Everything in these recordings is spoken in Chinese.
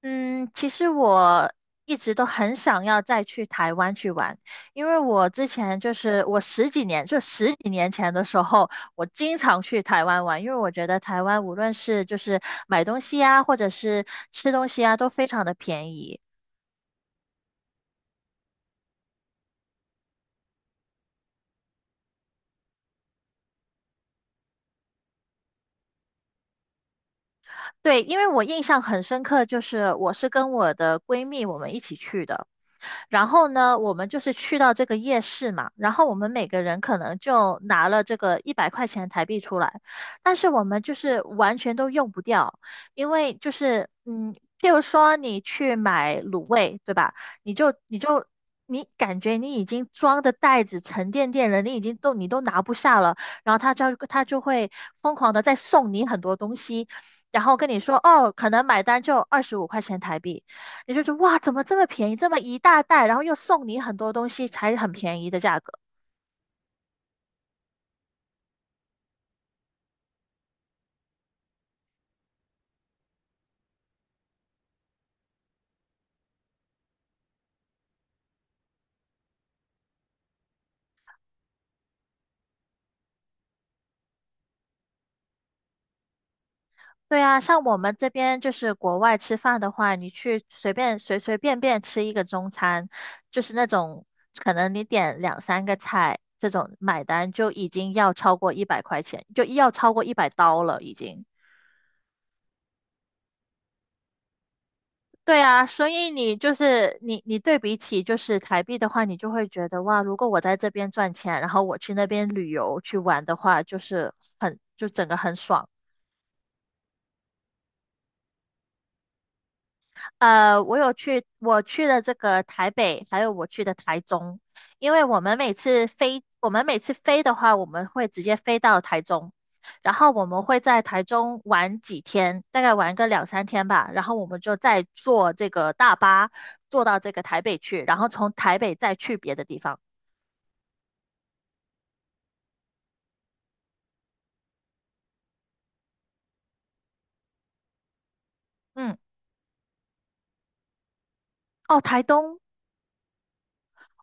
嗯，其实我一直都很想要再去台湾去玩，因为我之前就是我十几年，就十几年前的时候，我经常去台湾玩，因为我觉得台湾无论是就是买东西啊，或者是吃东西啊，都非常的便宜。对，因为我印象很深刻，就是我是跟我的闺蜜我们一起去的，然后呢，我们就是去到这个夜市嘛，然后我们每个人可能就拿了这个100块钱台币出来，但是我们就是完全都用不掉，因为就是譬如说你去买卤味，对吧？你就你就。你感觉你已经装的袋子沉甸甸了，你都拿不下了，然后他就会疯狂的再送你很多东西，然后跟你说哦，可能买单就25块钱台币，你就觉得哇，怎么这么便宜，这么一大袋，然后又送你很多东西，才很便宜的价格。对啊，像我们这边就是国外吃饭的话，你去随随便便吃一个中餐，就是那种可能你点两三个菜，这种买单就已经要超过一百块钱，就要超过100刀了已经。对啊，所以你对比起就是台币的话，你就会觉得哇，如果我在这边赚钱，然后我去那边旅游去玩的话，就是很，就整个很爽。我去了这个台北，还有我去的台中，因为我们每次飞的话，我们会直接飞到台中，然后我们会在台中玩几天，大概玩个两三天吧，然后我们就再坐这个大巴坐到这个台北去，然后从台北再去别的地方。嗯，哦，台东，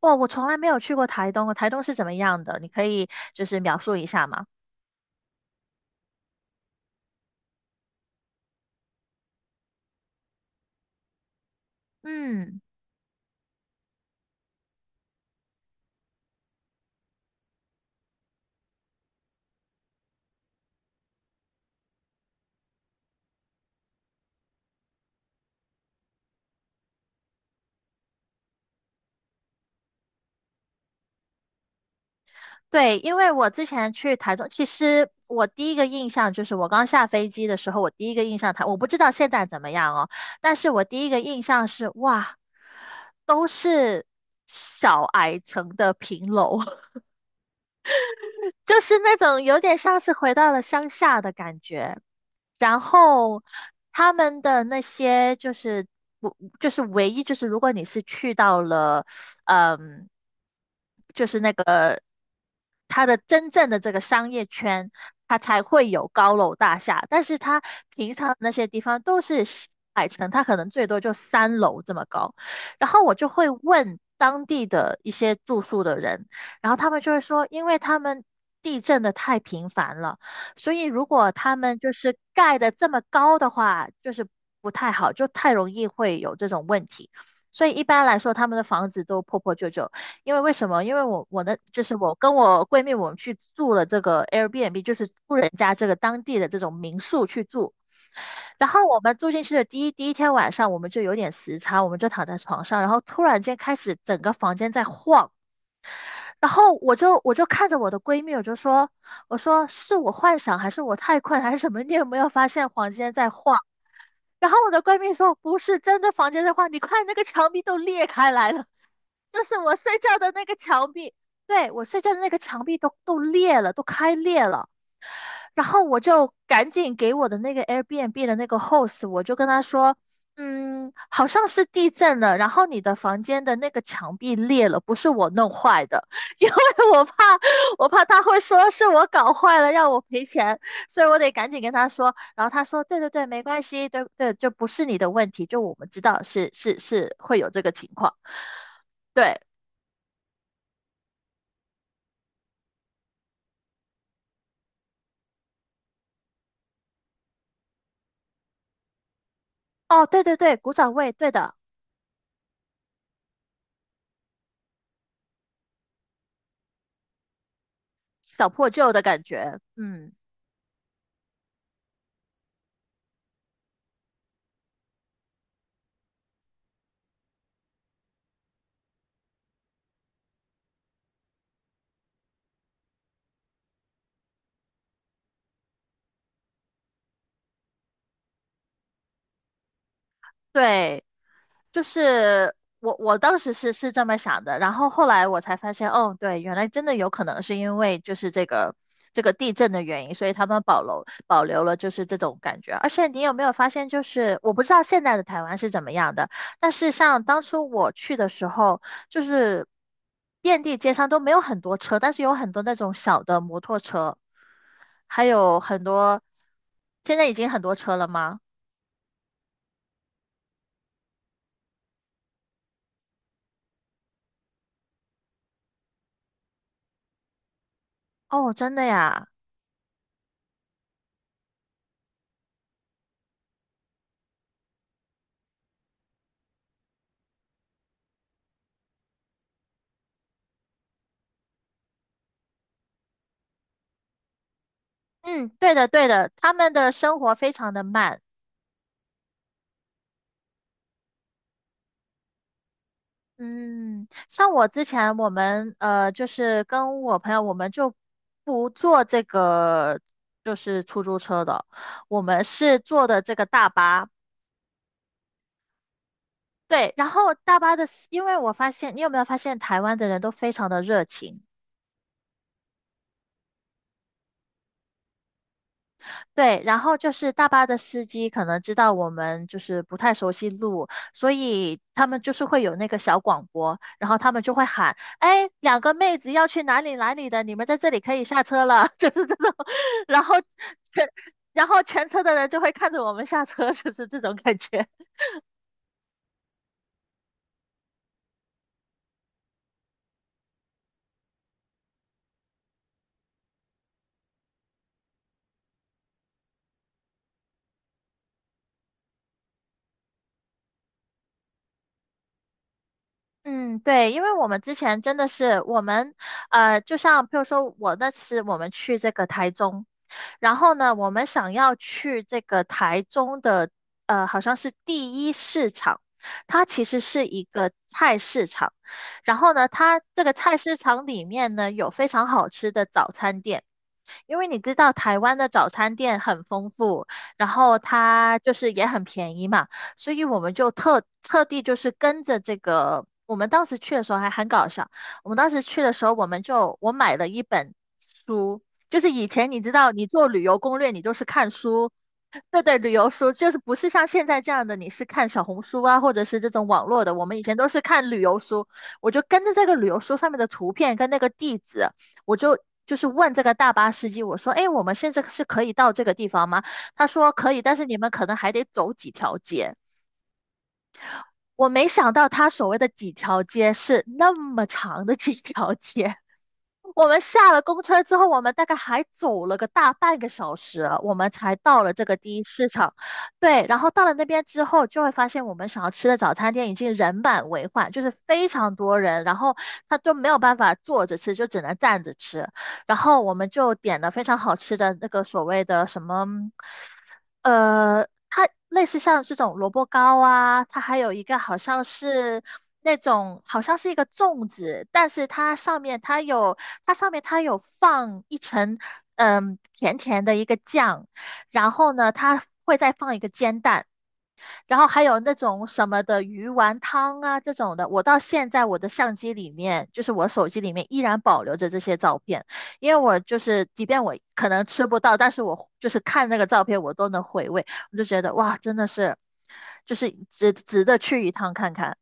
哇，我从来没有去过台东，台东是怎么样的？你可以就是描述一下吗？嗯。对，因为我之前去台中，其实我第一个印象就是我刚下飞机的时候，我第一个印象台，我不知道现在怎么样哦，但是我第一个印象是哇，都是小矮层的平楼，就是那种有点像是回到了乡下的感觉。然后他们的那些就是不就是唯一就是如果你是去到了，嗯，就是那个它的真正的这个商业圈，它才会有高楼大厦，但是它平常那些地方都是小矮层，它可能最多就3楼这么高。然后我就会问当地的一些住宿的人，然后他们就会说，因为他们地震的太频繁了。所以如果他们就是盖的这么高的话，就是不太好，就太容易会有这种问题。所以一般来说，他们的房子都破破旧旧。因为为什么？因为我我的就是我跟我闺蜜，我们去住了这个 Airbnb，就是住人家这个当地的这种民宿去住。然后我们住进去的第一天晚上，我们就有点时差，我们就躺在床上，然后突然间开始整个房间在晃。然后我就看着我的闺蜜，我就说，我说是我幻想还是我太困还是什么？你有没有发现房间在晃？然后我的闺蜜说不是真的房间在晃，你看那个墙壁都裂开来了，就是我睡觉的那个墙壁，对，我睡觉的那个墙壁都裂了，都开裂了。然后我就赶紧给我的那个 Airbnb 的那个 host，我就跟他说，好像是地震了，然后你的房间的那个墙壁裂了，不是我弄坏的，因为我怕我怕他会说是我搞坏了，让我赔钱，所以我得赶紧跟他说。然后他说，对对对，没关系，对对，就不是你的问题，就我们知道是会有这个情况，对，哦，对对对，古早味，对的，小破旧的感觉，嗯。对，就是我当时是这么想的，然后后来我才发现，哦，对，原来真的有可能是因为就是这个地震的原因，所以他们保留保留了就是这种感觉。而且你有没有发现，就是我不知道现在的台湾是怎么样的，但是像当初我去的时候，就是遍地街上都没有很多车，但是有很多那种小的摩托车，还有很多，现在已经很多车了吗？哦，真的呀。嗯，对的，对的，他们的生活非常的慢。嗯，像我之前我们就是跟我朋友，我们就不坐这个就是出租车的，我们是坐的这个大巴。对，然后大巴的司因为我发现，你有没有发现台湾的人都非常的热情？对，然后就是大巴的司机可能知道我们就是不太熟悉路，所以他们就是会有那个小广播，然后他们就会喊：“哎，两个妹子要去哪里哪里的，你们在这里可以下车了。就是这种，然后全然后全车的人就会看着我们下车，就是这种感觉。嗯，对，因为我们之前真的是我们，就像譬如说我那次我们去这个台中，然后呢，我们想要去这个台中的，好像是第一市场，它其实是一个菜市场。然后呢，它这个菜市场里面呢，有非常好吃的早餐店。因为你知道台湾的早餐店很丰富，然后它就是也很便宜嘛，所以我们就特地就是跟着这个，我们当时去的时候还很搞笑。我们当时去的时候，我们就我买了一本书，就是以前你知道，你做旅游攻略，你就是看书，对对，旅游书就是不是像现在这样的，你是看小红书啊，或者是这种网络的，我们以前都是看旅游书，我就跟着这个旅游书上面的图片跟那个地址，我就。就是问这个大巴司机，我说，哎，我们现在是可以到这个地方吗？他说可以，但是你们可能还得走几条街。我没想到他所谓的几条街是那么长的几条街。我们下了公车之后，我们大概还走了个大半个小时，我们才到了这个第一市场。对，然后到了那边之后，就会发现我们想要吃的早餐店已经人满为患，就是非常多人，然后他都没有办法坐着吃，就只能站着吃。然后我们就点了非常好吃的那个所谓的什么，它类似像这种萝卜糕啊，它还有一个好像是那种好像是一个粽子，但是它上面它有放一层甜甜的一个酱，然后呢它会再放一个煎蛋。然后还有那种什么的鱼丸汤啊这种的，我到现在我的相机里面，就是我手机里面依然保留着这些照片，因为我就是即便我可能吃不到，但是我就是看那个照片，我都能回味，我就觉得哇，真的是，就是值得去一趟看看。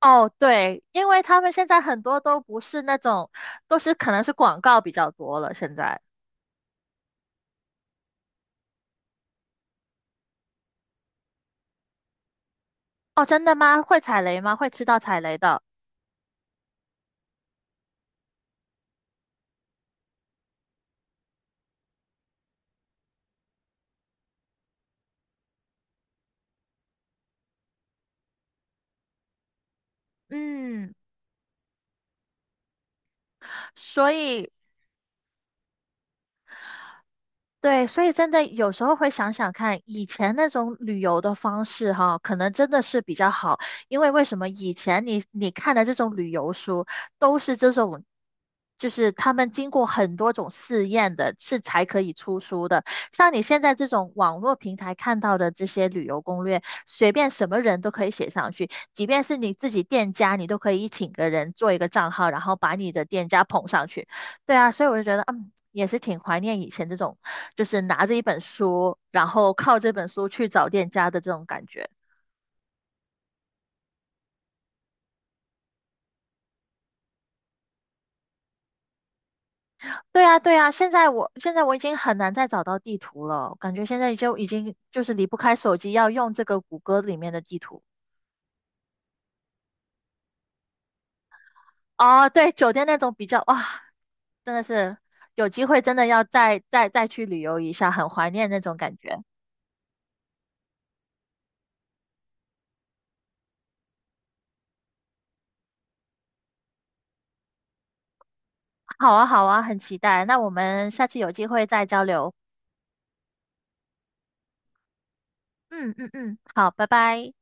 哦，对，因为他们现在很多都不是那种，都是可能是广告比较多了现在。哦，真的吗？会踩雷吗？会吃到踩雷的。嗯，所以对，所以真的有时候会想想看，以前那种旅游的方式哈，可能真的是比较好，因为为什么以前你看的这种旅游书都是这种，就是他们经过很多种试验的，是才可以出书的。像你现在这种网络平台看到的这些旅游攻略，随便什么人都可以写上去，即便是你自己店家，你都可以请个人做一个账号，然后把你的店家捧上去。对啊，所以我就觉得，也是挺怀念以前这种，就是拿着一本书，然后靠这本书去找店家的这种感觉。对啊，对啊，现在我已经很难再找到地图了，感觉现在就已经就是离不开手机，要用这个谷歌里面的地图。哦，对，酒店那种比较，哇，真的是有机会真的要再去旅游一下，很怀念那种感觉。好啊，好啊，很期待。那我们下次有机会再交流。嗯嗯嗯，好，拜拜。